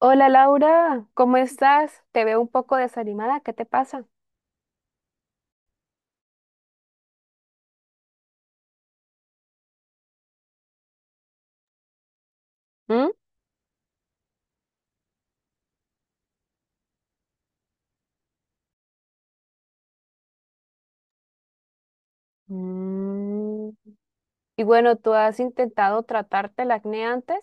Hola Laura, ¿cómo estás? Te veo un poco desanimada, ¿qué te pasa? ¿Mm? Mm, Y bueno, ¿tú has intentado tratarte el acné antes?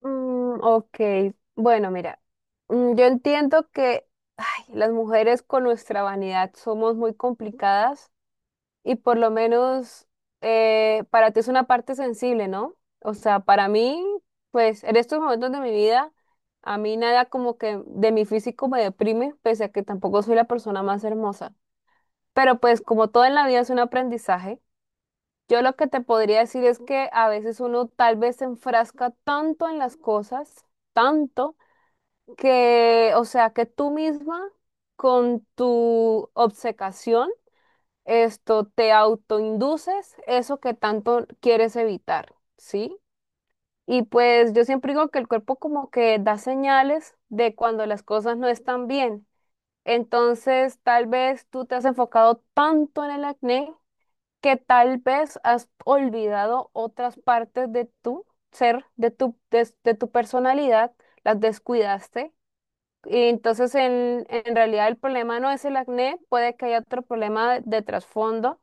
Ok, bueno, mira, yo entiendo que ay, las mujeres con nuestra vanidad somos muy complicadas. Y por lo menos para ti es una parte sensible, ¿no? O sea, para mí, pues en estos momentos de mi vida, a mí nada como que de mi físico me deprime, pese a que tampoco soy la persona más hermosa. Pero pues como todo en la vida es un aprendizaje, yo lo que te podría decir es que a veces uno tal vez se enfrasca tanto en las cosas, tanto, que, o sea, que tú misma con tu obcecación, esto te autoinduces eso que tanto quieres evitar, ¿sí? Y pues yo siempre digo que el cuerpo como que da señales de cuando las cosas no están bien. Entonces, tal vez tú te has enfocado tanto en el acné que tal vez has olvidado otras partes de tu ser, de tu, de tu personalidad, las descuidaste. Y entonces, en realidad, el problema no es el acné, puede que haya otro problema de trasfondo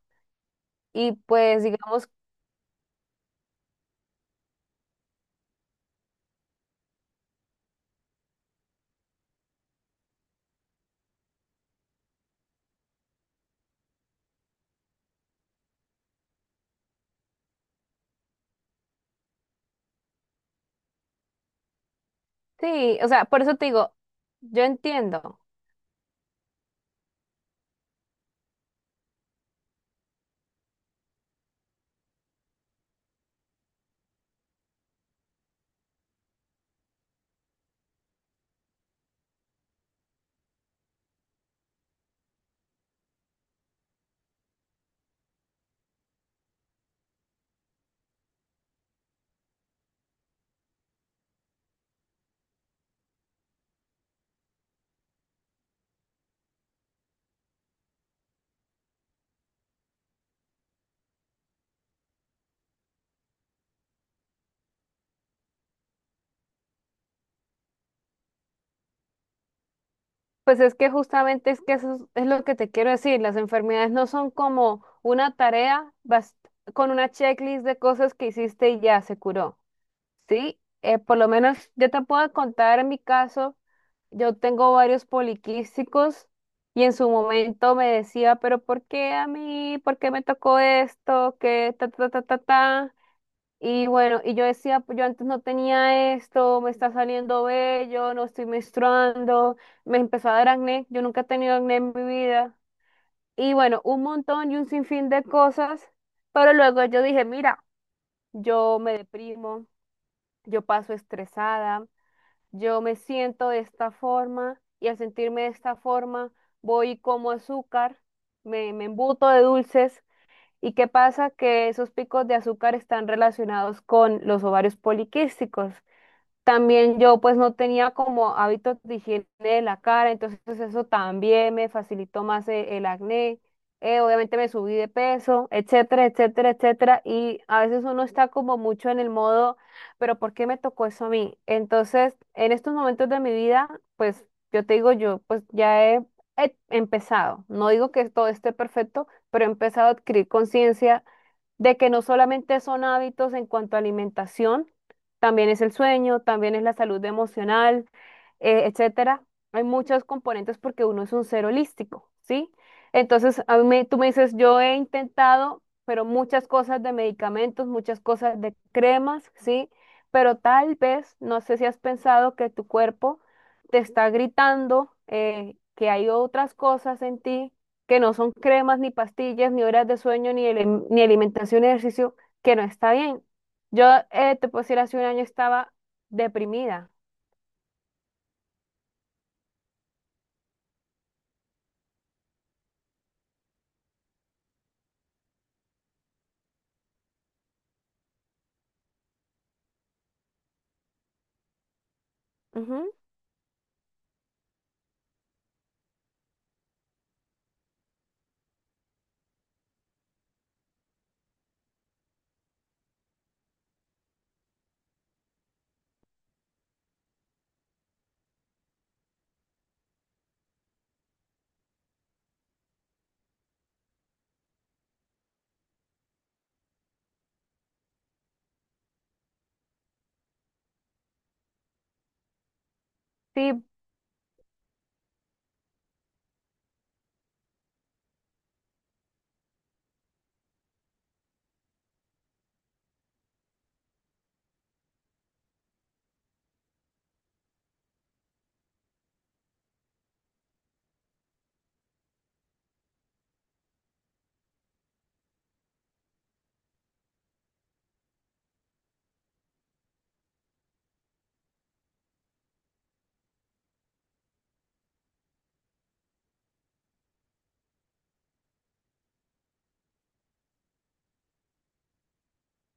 y pues digamos, sí, o sea, por eso te digo, yo entiendo. Pues es que justamente es que eso es lo que te quiero decir, las enfermedades no son como una tarea bas- con una checklist de cosas que hiciste y ya se curó, ¿sí? Por lo menos yo te puedo contar en mi caso, yo tengo varios poliquísticos y en su momento me decía, pero ¿por qué a mí? ¿Por qué me tocó esto? ¿Qué ta ta ta ta ta? Y bueno, y yo decía, "Pues yo antes no tenía esto, me está saliendo bello, no estoy menstruando, me empezó a dar acné, yo nunca he tenido acné en mi vida. Y bueno, un montón y un sinfín de cosas, pero luego yo dije, mira, yo me deprimo, yo paso estresada, yo me siento de esta forma y al sentirme de esta forma voy y como azúcar, me embuto de dulces. ¿Y qué pasa? Que esos picos de azúcar están relacionados con los ovarios poliquísticos. También yo pues no tenía como hábitos de higiene de la cara, entonces pues, eso también me facilitó más e- el, acné. Obviamente me subí de peso, etcétera, etcétera, etcétera. Y a veces uno está como mucho en el modo, pero ¿por qué me tocó eso a mí? Entonces, en estos momentos de mi vida, pues yo te digo, yo pues ya he, he empezado. No digo que todo esté perfecto, pero he empezado a adquirir conciencia de que no solamente son hábitos en cuanto a alimentación, también es el sueño, también es la salud emocional, etcétera. Hay muchos componentes porque uno es un ser holístico, ¿sí? Entonces, a mí me- tú me dices, yo he intentado, pero muchas cosas de medicamentos, muchas cosas de cremas, ¿sí? Pero tal vez, no sé si has pensado que tu cuerpo te está gritando que hay otras cosas en ti que no son cremas, ni pastillas, ni horas de sueño, ni, ele- ni alimentación y ejercicio, que no está bien. Yo te puedo decir, hace un año estaba deprimida. Ujú. Sí,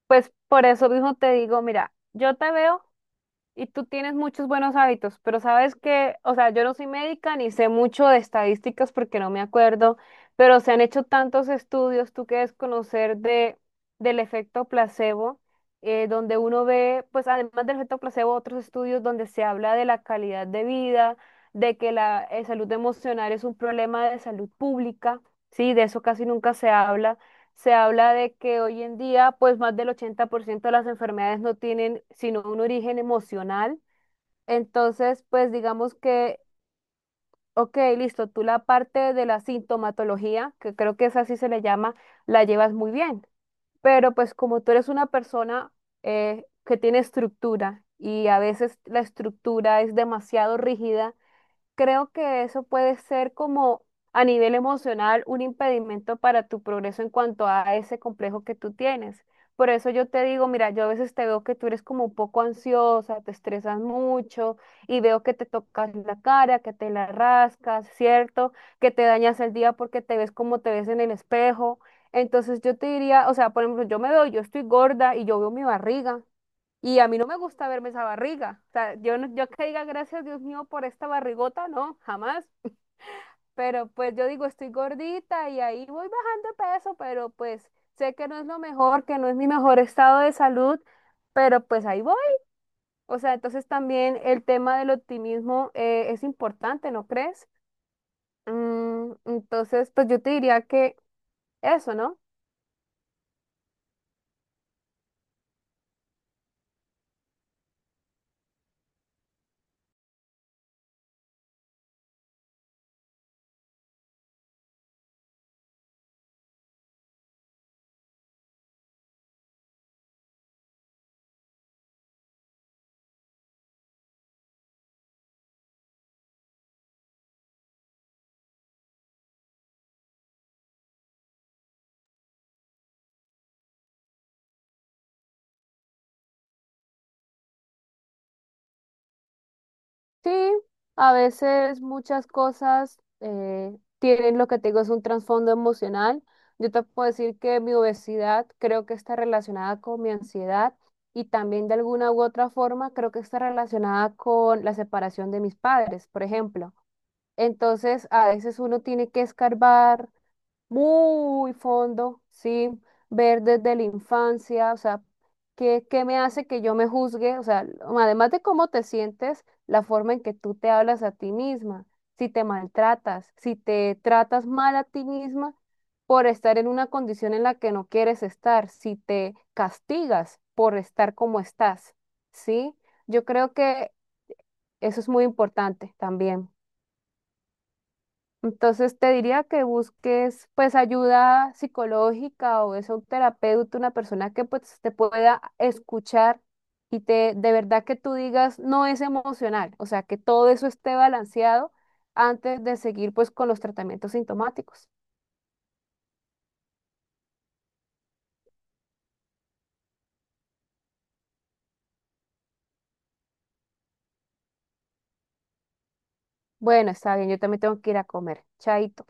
pues por eso mismo te digo, mira, yo te veo. Y tú tienes muchos buenos hábitos, pero sabes que, o sea, yo no soy médica ni sé mucho de estadísticas porque no me acuerdo, pero se han hecho tantos estudios, tú quieres conocer de, del efecto placebo, donde uno ve, pues además del efecto placebo, otros estudios donde se habla de la calidad de vida, de que la salud emocional es un problema de salud pública, sí, de eso casi nunca se habla se habla de que hoy en día, pues más del 80% de las enfermedades no tienen sino un origen emocional. Entonces, pues digamos que, ok, listo, tú la parte de la sintomatología, que creo que es así se le llama, la llevas muy bien. Pero pues como tú eres una persona que tiene estructura y a veces la estructura es demasiado rígida, creo que eso puede ser como a nivel emocional un impedimento para tu progreso en cuanto a ese complejo que tú tienes. Por eso yo te digo, mira, yo a veces te veo que tú eres como un poco ansiosa, te estresas mucho y veo que te tocas la cara, que te la rascas, ¿cierto? Que te dañas el día porque te ves como te ves en el espejo. Entonces yo te diría, o sea, por ejemplo, yo me veo, yo estoy gorda y yo veo mi barriga. Y a mí no me gusta verme esa barriga. O sea, yo, no- yo que diga gracias Dios mío por esta barrigota, no, jamás. Pero pues yo digo, estoy gordita y ahí voy bajando de peso, pero pues sé que no es lo mejor, que no es mi mejor estado de salud, pero pues ahí voy. O sea, entonces también el tema del optimismo es importante, ¿no crees? Mm, entonces, pues yo te diría que eso, ¿no? Sí, a veces muchas cosas tienen lo que te digo, es un trasfondo emocional. Yo te puedo decir que mi obesidad creo que está relacionada con mi ansiedad y también de alguna u otra forma creo que está relacionada con la separación de mis padres, por ejemplo. Entonces, a veces uno tiene que escarbar muy fondo, ¿sí? Ver desde la infancia, o sea, ¿qué me hace que yo me juzgue? O sea, además de cómo te sientes, la forma en que tú te hablas a ti misma, si te maltratas, si te tratas mal a ti misma por estar en una condición en la que no quieres estar, si te castigas por estar como estás, ¿sí? Yo creo que eso es muy importante también. Entonces te diría que busques pues ayuda psicológica o es un terapeuta, una persona que pues te pueda escuchar y te de verdad que tú digas no es emocional, o sea, que todo eso esté balanceado antes de seguir pues con los tratamientos sintomáticos. Bueno, está bien, yo también tengo que ir a comer. Chaito.